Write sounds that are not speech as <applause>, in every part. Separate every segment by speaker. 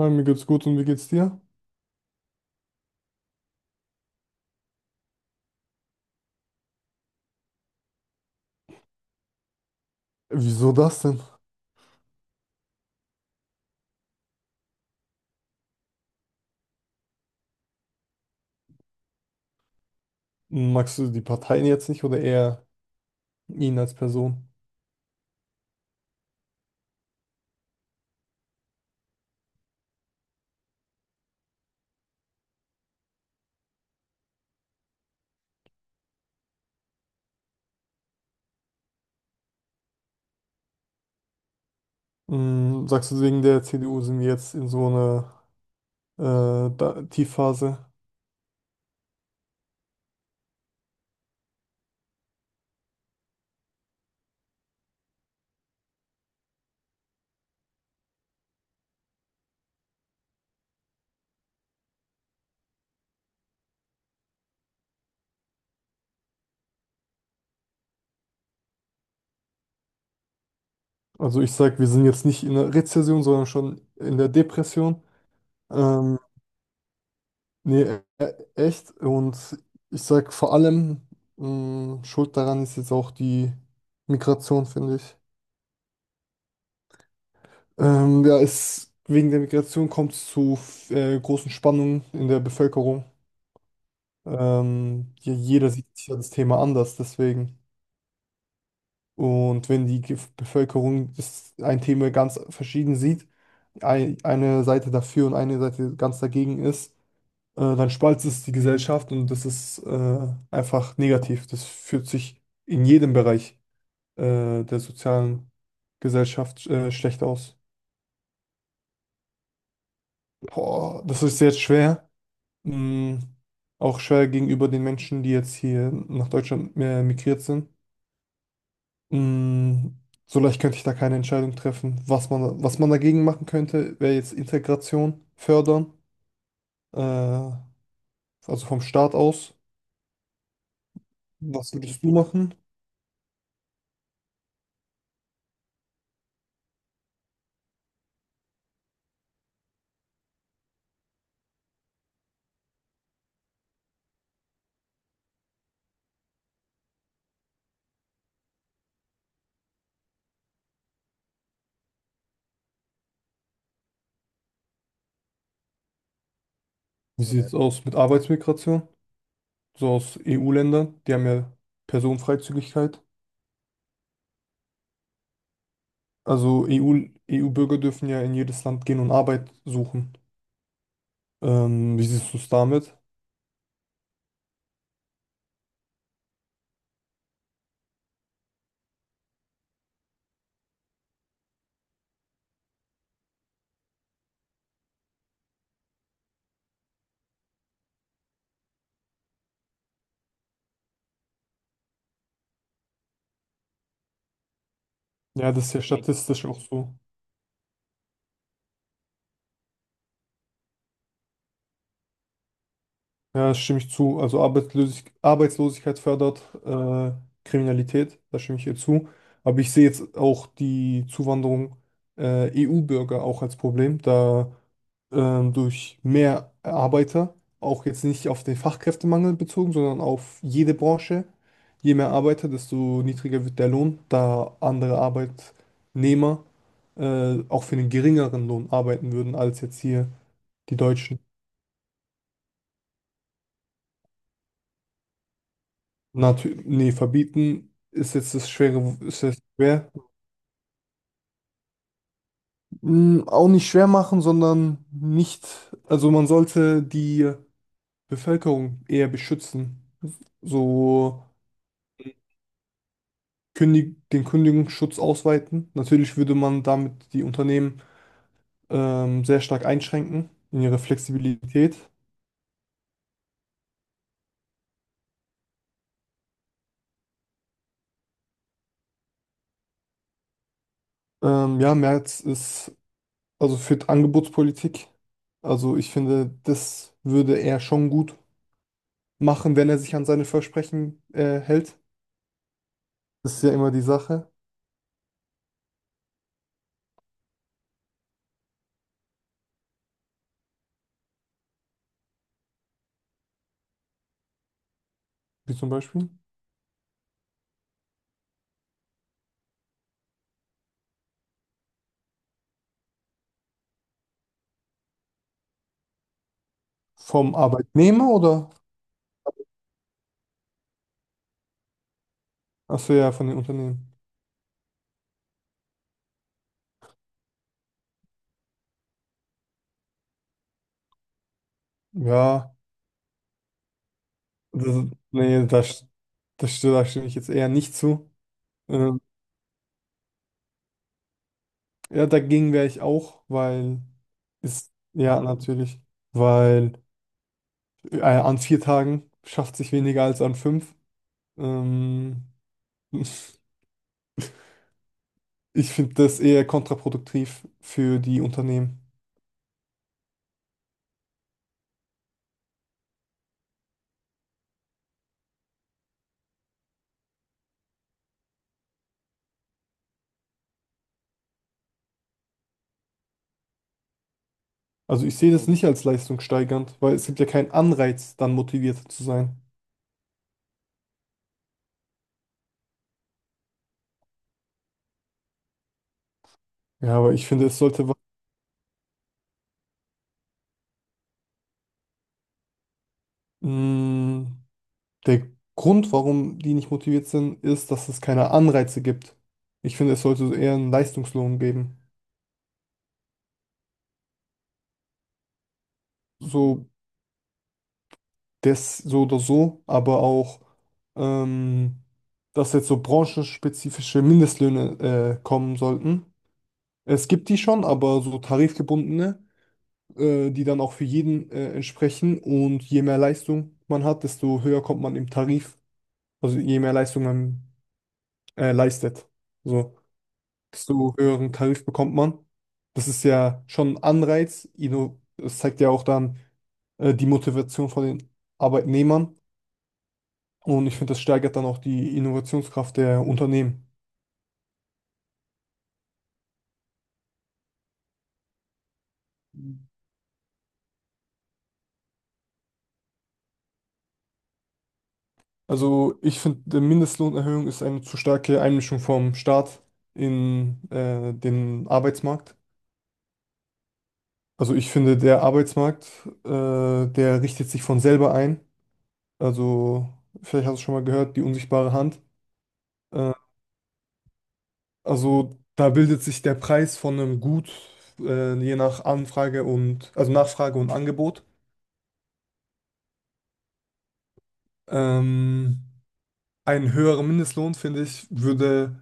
Speaker 1: Hi, mir geht's gut und wie geht's dir? Wieso das denn? Magst du die Parteien jetzt nicht oder eher ihn als Person? Sagst du, wegen der CDU sind wir jetzt in so einer da Tiefphase? Also ich sag, wir sind jetzt nicht in der Rezession, sondern schon in der Depression. Ähm, Nee, echt. Und ich sag vor allem, schuld daran ist jetzt auch die Migration, finde ich. Ja, wegen der Migration kommt es zu großen Spannungen in der Bevölkerung. Ja, jeder sieht sich ja das Thema anders, deswegen. Und wenn die Bevölkerung das ein Thema ganz verschieden sieht, eine Seite dafür und eine Seite ganz dagegen ist, dann spaltet es die Gesellschaft und das ist einfach negativ. Das fühlt sich in jedem Bereich der sozialen Gesellschaft schlecht aus. Boah, das ist jetzt schwer. Mm, Auch schwer gegenüber den Menschen, die jetzt hier nach Deutschland migriert sind. Mm, So leicht könnte ich da keine Entscheidung treffen. Was man dagegen machen könnte, wäre jetzt Integration fördern, also vom Staat aus. Was würdest du machen? Wie sieht es aus mit Arbeitsmigration? So aus EU-Ländern, die haben ja Personenfreizügigkeit. Also EU-Bürger dürfen ja in jedes Land gehen und Arbeit suchen. Wie siehst du es damit? Ja, das ist ja statistisch auch so. Ja, stimme ich zu. Also Arbeitslosigkeit fördert Kriminalität, da stimme ich ihr zu. Aber ich sehe jetzt auch die Zuwanderung EU-Bürger auch als Problem, da durch mehr Arbeiter, auch jetzt nicht auf den Fachkräftemangel bezogen, sondern auf jede Branche, je mehr Arbeiter, desto niedriger wird der Lohn, da andere Arbeitnehmer auch für einen geringeren Lohn arbeiten würden als jetzt hier die Deutschen. Natürlich, nee, verbieten ist jetzt das schwere, ist jetzt schwer. Auch nicht schwer machen, sondern nicht, also man sollte die Bevölkerung eher beschützen. So den Kündigungsschutz ausweiten. Natürlich würde man damit die Unternehmen sehr stark einschränken in ihrer Flexibilität. Ja, Merz ist also für die Angebotspolitik. Also ich finde, das würde er schon gut machen, wenn er sich an seine Versprechen hält. Das ist ja immer die Sache, wie zum Beispiel vom Arbeitnehmer oder? Achso, ja, von den Unternehmen. Ja, das, nee, das, das, st- da stimme ich jetzt eher nicht zu. Ähm, ja, dagegen wäre ich auch, weil, ja, natürlich, weil an 4 Tagen schafft sich weniger als an 5. Ähm, <laughs> ich finde das eher kontraproduktiv für die Unternehmen. Also ich sehe das nicht als leistungssteigernd, weil es gibt ja keinen Anreiz, dann motiviert zu sein. Ja, aber ich finde, es sollte Mm, der Grund, warum die nicht motiviert sind, ist, dass es keine Anreize gibt. Ich finde, es sollte eher einen Leistungslohn geben. So, das, so oder so, aber auch, ähm, dass jetzt so branchenspezifische Mindestlöhne, kommen sollten. Es gibt die schon, aber so tarifgebundene, die dann auch für jeden, entsprechen. Und je mehr Leistung man hat, desto höher kommt man im Tarif. Also je mehr Leistung man leistet. So, desto höheren Tarif bekommt man. Das ist ja schon ein Anreiz. Das zeigt ja auch dann die Motivation von den Arbeitnehmern. Und ich finde, das steigert dann auch die Innovationskraft der Unternehmen. Also ich finde, die Mindestlohnerhöhung ist eine zu starke Einmischung vom Staat in den Arbeitsmarkt. Also ich finde, der richtet sich von selber ein. Also vielleicht hast du schon mal gehört, die unsichtbare Hand. Äh, Also da bildet sich der Preis von einem Gut je nach Anfrage und also Nachfrage und Angebot. Ähm, ein höherer Mindestlohn, finde ich, würde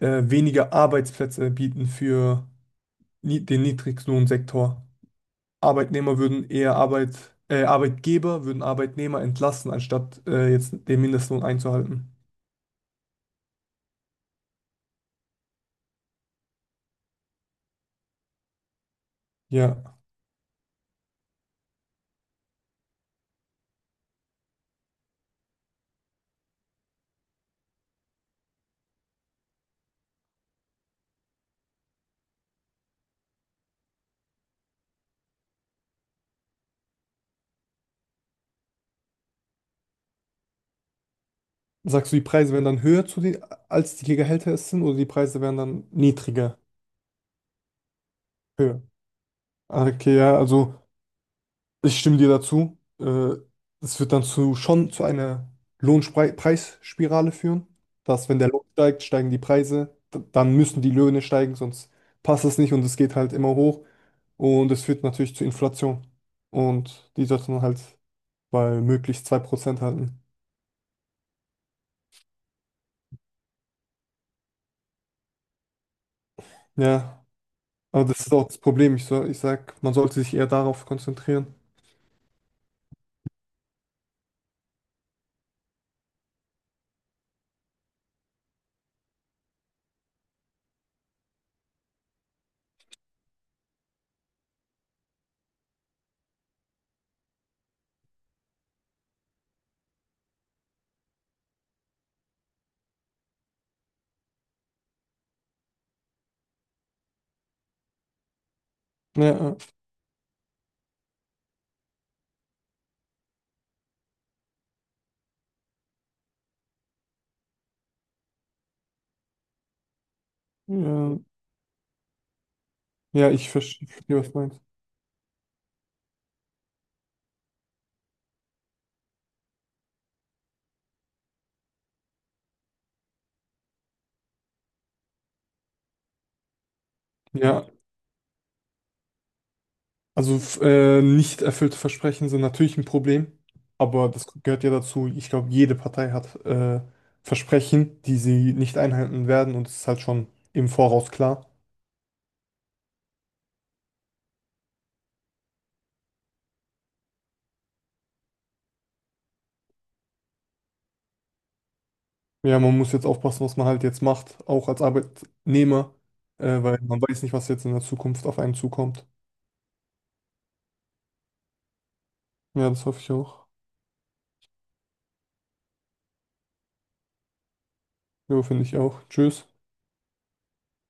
Speaker 1: weniger Arbeitsplätze bieten für ni den Niedriglohnsektor. Arbeitnehmer würden eher Arbeit, Arbeitgeber würden Arbeitnehmer entlassen, anstatt jetzt den Mindestlohn einzuhalten. Ja. Sagst du, die Preise wären dann höher zu den, als die Gehälter es sind, oder die Preise wären dann niedriger, höher? Ah, okay, ja, also. Ich stimme dir dazu. Es wird dann schon zu einer Lohnpreisspirale führen, dass wenn der Lohn steigt, steigen die Preise, dann müssen die Löhne steigen, sonst passt es nicht und es geht halt immer hoch und es führt natürlich zu Inflation und die sollte man halt bei möglichst 2% halten. Ja, aber das ist auch das Problem. Ich, so, ich sag, man sollte sich eher darauf konzentrieren. Ja, ja, ja, ich verstehe, was du meinst. Ja, also nicht erfüllte Versprechen sind natürlich ein Problem, aber das gehört ja dazu. Ich glaube, jede Partei hat Versprechen, die sie nicht einhalten werden und es ist halt schon im Voraus klar. Ja, man muss jetzt aufpassen, was man halt jetzt macht, auch als Arbeitnehmer, weil man weiß nicht, was jetzt in der Zukunft auf einen zukommt. Ja, das hoffe ich auch. Ja, finde ich auch. Tschüss.